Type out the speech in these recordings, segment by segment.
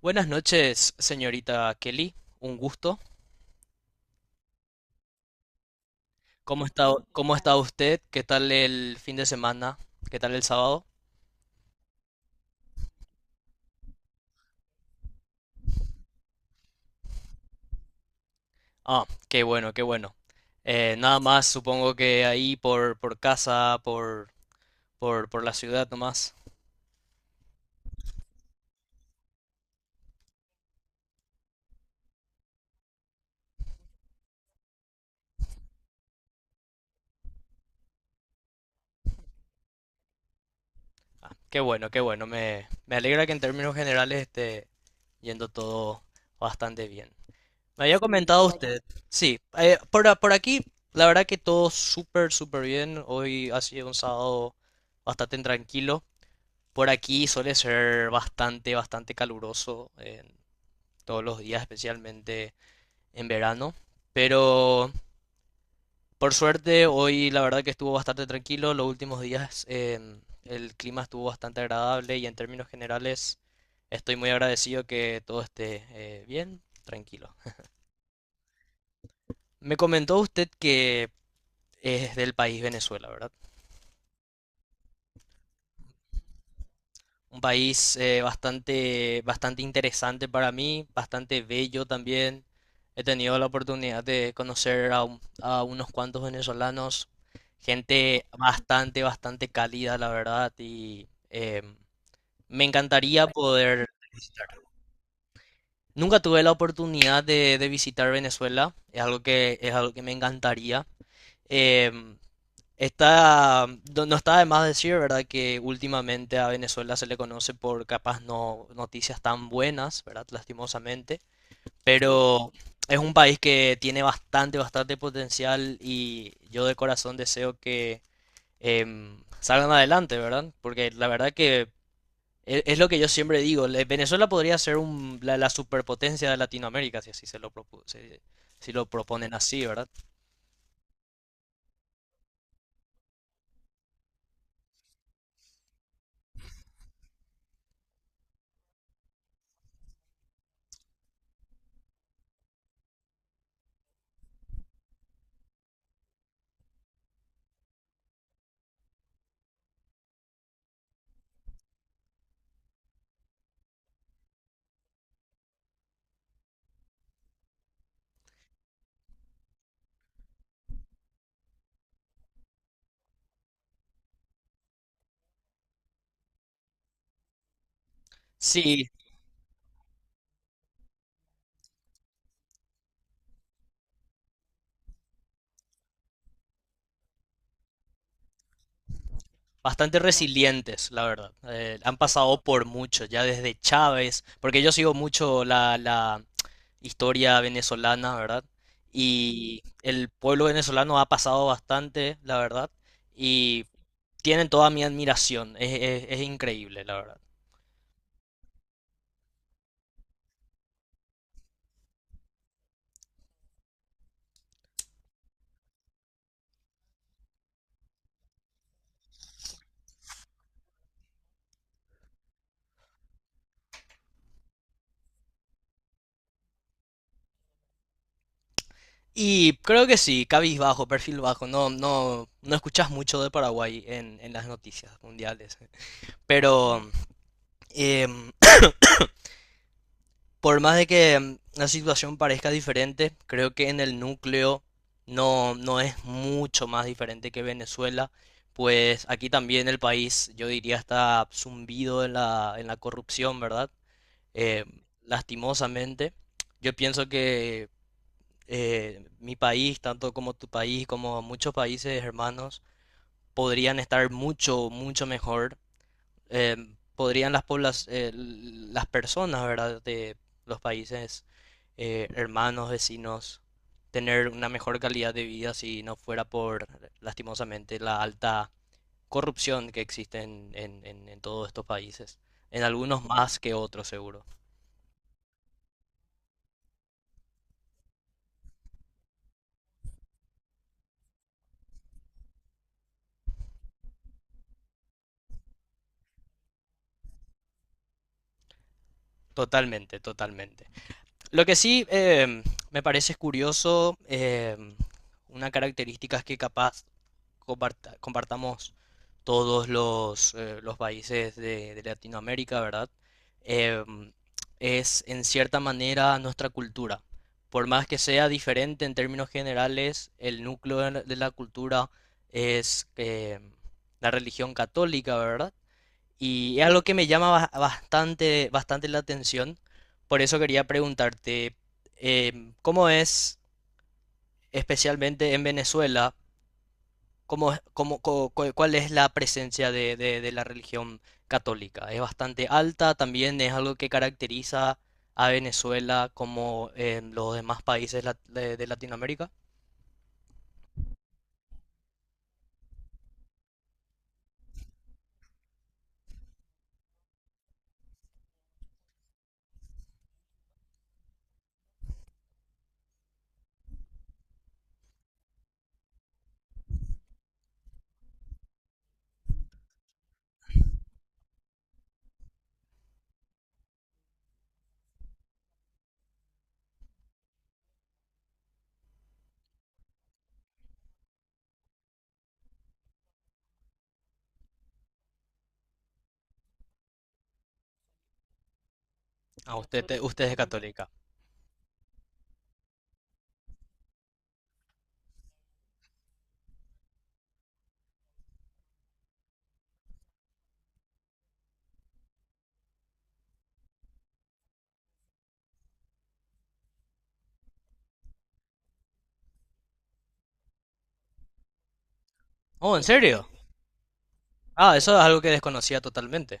Buenas noches, señorita Kelly. Un gusto. Cómo está usted? ¿Qué tal el fin de semana? ¿Qué tal el sábado? Ah, qué bueno, qué bueno. Nada más, supongo que ahí por casa, por la ciudad nomás. Qué bueno, qué bueno. Me alegra que en términos generales esté yendo todo bastante bien. Me había comentado usted. Sí, por aquí, la verdad que todo súper, súper bien. Hoy ha sido un sábado bastante tranquilo. Por aquí suele ser bastante, bastante caluroso todos los días, especialmente en verano. Pero por suerte hoy la verdad que estuvo bastante tranquilo. Los últimos días el clima estuvo bastante agradable y en términos generales estoy muy agradecido que todo esté bien, tranquilo. Me comentó usted que es del país Venezuela, ¿verdad? Un país bastante, bastante interesante para mí, bastante bello también. He tenido la oportunidad de conocer a unos cuantos venezolanos, gente bastante, bastante cálida, la verdad, y me encantaría poder... Nunca tuve la oportunidad de visitar Venezuela, es algo que me encantaría. Em, Está, no no está de más decir, ¿verdad? Que últimamente a Venezuela se le conoce por capaz no noticias tan buenas, ¿verdad? Lastimosamente, pero es un país que tiene bastante, bastante potencial y yo de corazón deseo que salgan adelante, ¿verdad? Porque la verdad que es, lo que yo siempre digo, Venezuela podría ser la, la superpotencia de Latinoamérica si así si si lo proponen así, ¿verdad? Sí, bastante resilientes, la verdad. Han pasado por mucho, ya desde Chávez, porque yo sigo mucho la, la historia venezolana, ¿verdad? Y el pueblo venezolano ha pasado bastante, la verdad, y tienen toda mi admiración, es increíble, la verdad. Y creo que sí, cabizbajo, perfil bajo, no, no, no escuchas mucho de Paraguay en las noticias mundiales. Pero, em, por más de que la situación parezca diferente, creo que en el núcleo no, no es mucho más diferente que Venezuela, pues aquí también el país, yo diría, está zumbido en la corrupción, ¿verdad? Eh, lastimosamente, yo pienso que mi país, tanto como tu país, como muchos países hermanos, podrían estar mucho, mucho mejor. Podrían las personas, ¿verdad? De los países hermanos, vecinos, tener una mejor calidad de vida si no fuera por, lastimosamente, la alta corrupción que existe en todos estos países. En algunos más que otros, seguro. Totalmente, totalmente. Lo que sí me parece curioso, una característica es que capaz compartamos todos los países de Latinoamérica, ¿verdad? Em, es en cierta manera nuestra cultura. Por más que sea diferente en términos generales, el núcleo de la cultura es la religión católica, ¿verdad? Y es algo que me llama bastante, bastante la atención. Por eso quería preguntarte, ¿cómo es, especialmente en Venezuela, cómo, es- cómo- co- cu- cuál es la presencia de, de la religión católica? ¿Es bastante alta? ¿También es algo que caracteriza a Venezuela como en los demás de Latinoamérica? Ah, usted, usted es católica. Oh, ¿en serio? Ah, eso es algo que desconocía totalmente.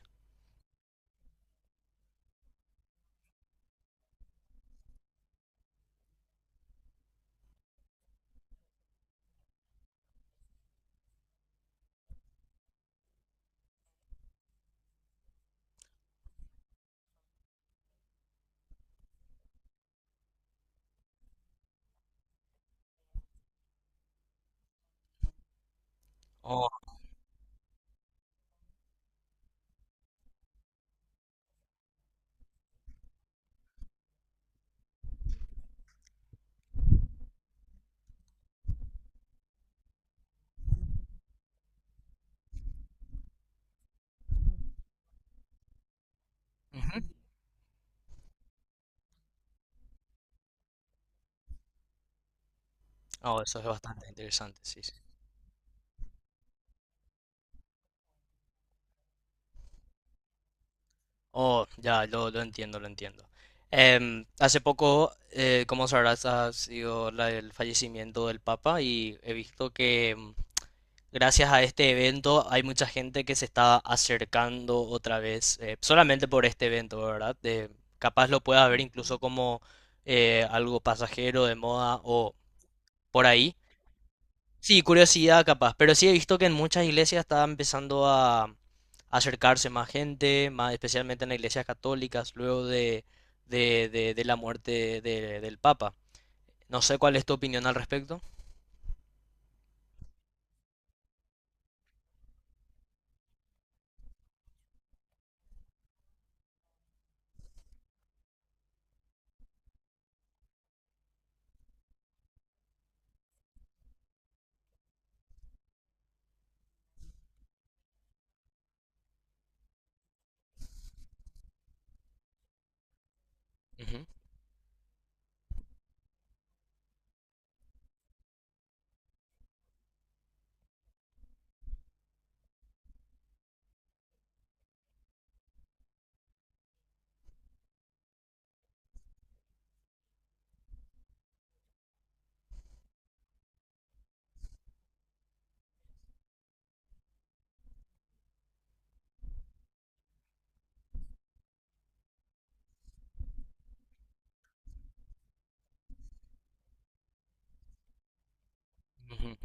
Oh, ujú. Oh, eso es bastante interesante, sí, sí, sí. Oh, ya, lo entiendo, lo entiendo. Hace poco, como sabrás, ha sido el fallecimiento del Papa y he visto que gracias a este evento hay mucha gente que se está acercando otra vez, solamente por este evento, ¿verdad? De, capaz lo pueda ver incluso como algo pasajero de moda o por ahí. Sí, curiosidad capaz, pero sí he visto que en muchas iglesias está empezando a acercarse más gente, más especialmente en las iglesias católicas, luego de, de la muerte del Papa. No sé cuál es tu opinión al respecto. Ujú, ujú,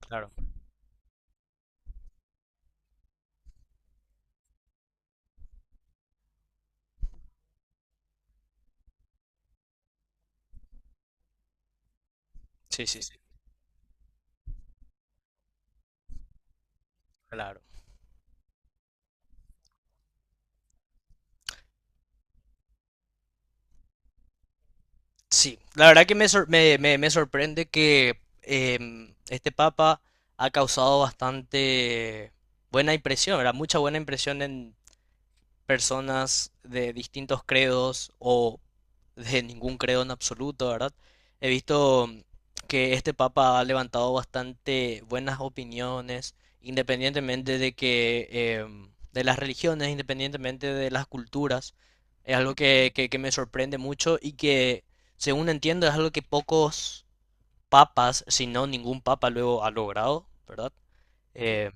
claro, sí, sí, sí, claro. Sí, la verdad que me sorprende que este Papa ha causado bastante buena impresión, ¿verdad? Mucha buena impresión personas de distintos credos o de ningún credo en absoluto, ¿verdad? He visto que este papa ha levantado bastante buenas opiniones, independientemente de que de las religiones, independientemente de las culturas. Es algo que, que me sorprende mucho y que, según entiendo, es algo que pocos papas, si no ningún papa, luego ha logrado, ¿verdad? Eh,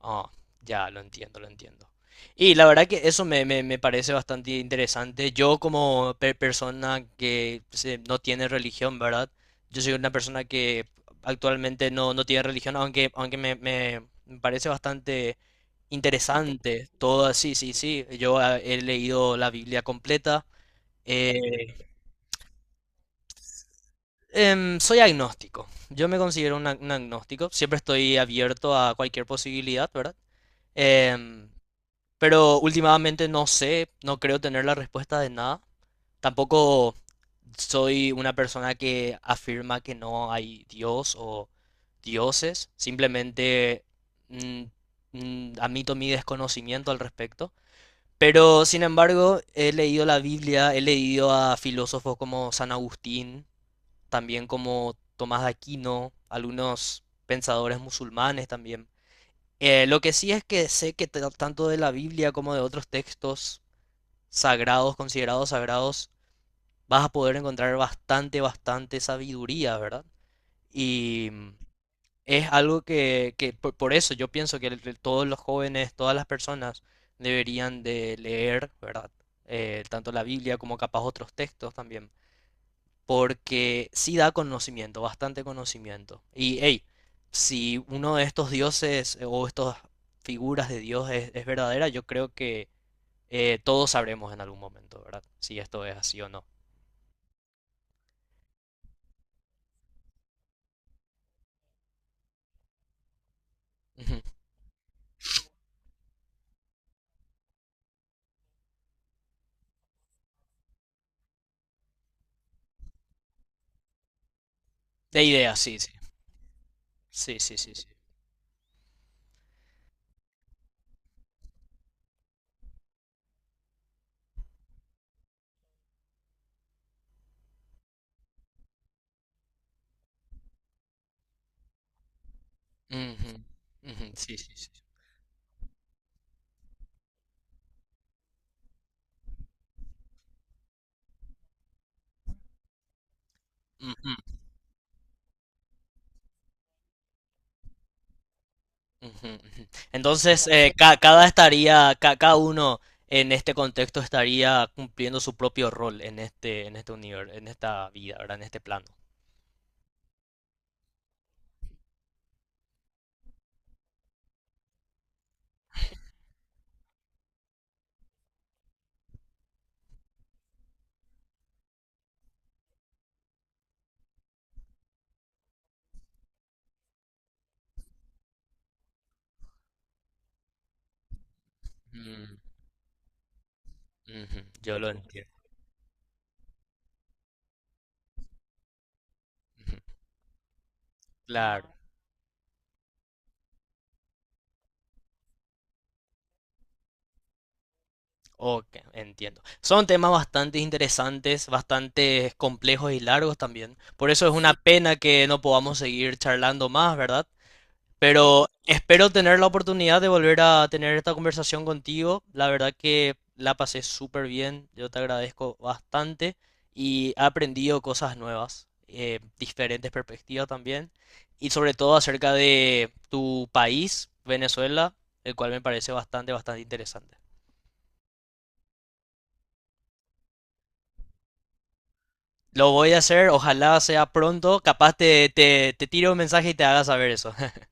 Ah, ya, lo entiendo, lo entiendo. Y la verdad que eso me parece bastante interesante. Yo como persona no tiene religión, ¿verdad? Yo soy una persona que actualmente no, no tiene religión, aunque, me parece bastante interesante todo así, sí, sí, sí. Yo he leído la Biblia completa. eh, Soy agnóstico. Yo me considero un agnóstico. Siempre estoy abierto a cualquier posibilidad, ¿verdad? Em, Pero últimamente no sé, no creo tener la respuesta de nada. Tampoco soy una persona que afirma que no hay Dios o dioses. Simplemente mm, admito mi desconocimiento al respecto. Pero sin embargo, he leído la Biblia, he leído a filósofos como San Agustín, también como Tomás de Aquino, algunos pensadores musulmanes también. Lo que sí es que sé que tanto de la Biblia como de otros textos sagrados, considerados sagrados, vas a poder encontrar bastante, bastante sabiduría, ¿verdad? Y es algo que por eso yo pienso que todos los jóvenes, todas las personas deberían de leer, ¿verdad? Tanto la Biblia como capaz otros textos también porque sí da conocimiento, bastante conocimiento. Y hey, si uno de estos dioses o estas figuras de Dios es verdadera, yo creo que todos sabremos en algún momento, ¿verdad? Si esto es así o no. Ujú. De ideas sí, sí. Sí, sí, sí, sí. Ujú, ujú, sí, sí, sí. Ujú, ujú, ujú. Entonces, cada uno en este contexto estaría cumpliendo su propio rol en este universo, en esta vida, ¿verdad? En este plano. Ujú, yo lo entiendo. Ujú, claro, ok, entiendo. Son temas bastante interesantes, bastante complejos y largos también. Por eso es una Sí, pena que no podamos seguir charlando más, ¿verdad? Pero espero tener la oportunidad de volver a tener esta conversación contigo. La verdad que la pasé súper bien. Yo te agradezco bastante y he aprendido cosas nuevas, diferentes perspectivas también. Y sobre todo acerca de tu país, Venezuela, el cual me parece bastante, bastante interesante. Lo voy a hacer, ojalá sea pronto. Capaz te tiro un mensaje y te haga saber eso.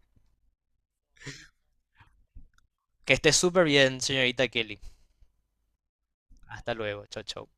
Que estés súper bien, señorita Kelly. Hasta luego. Chao, chao.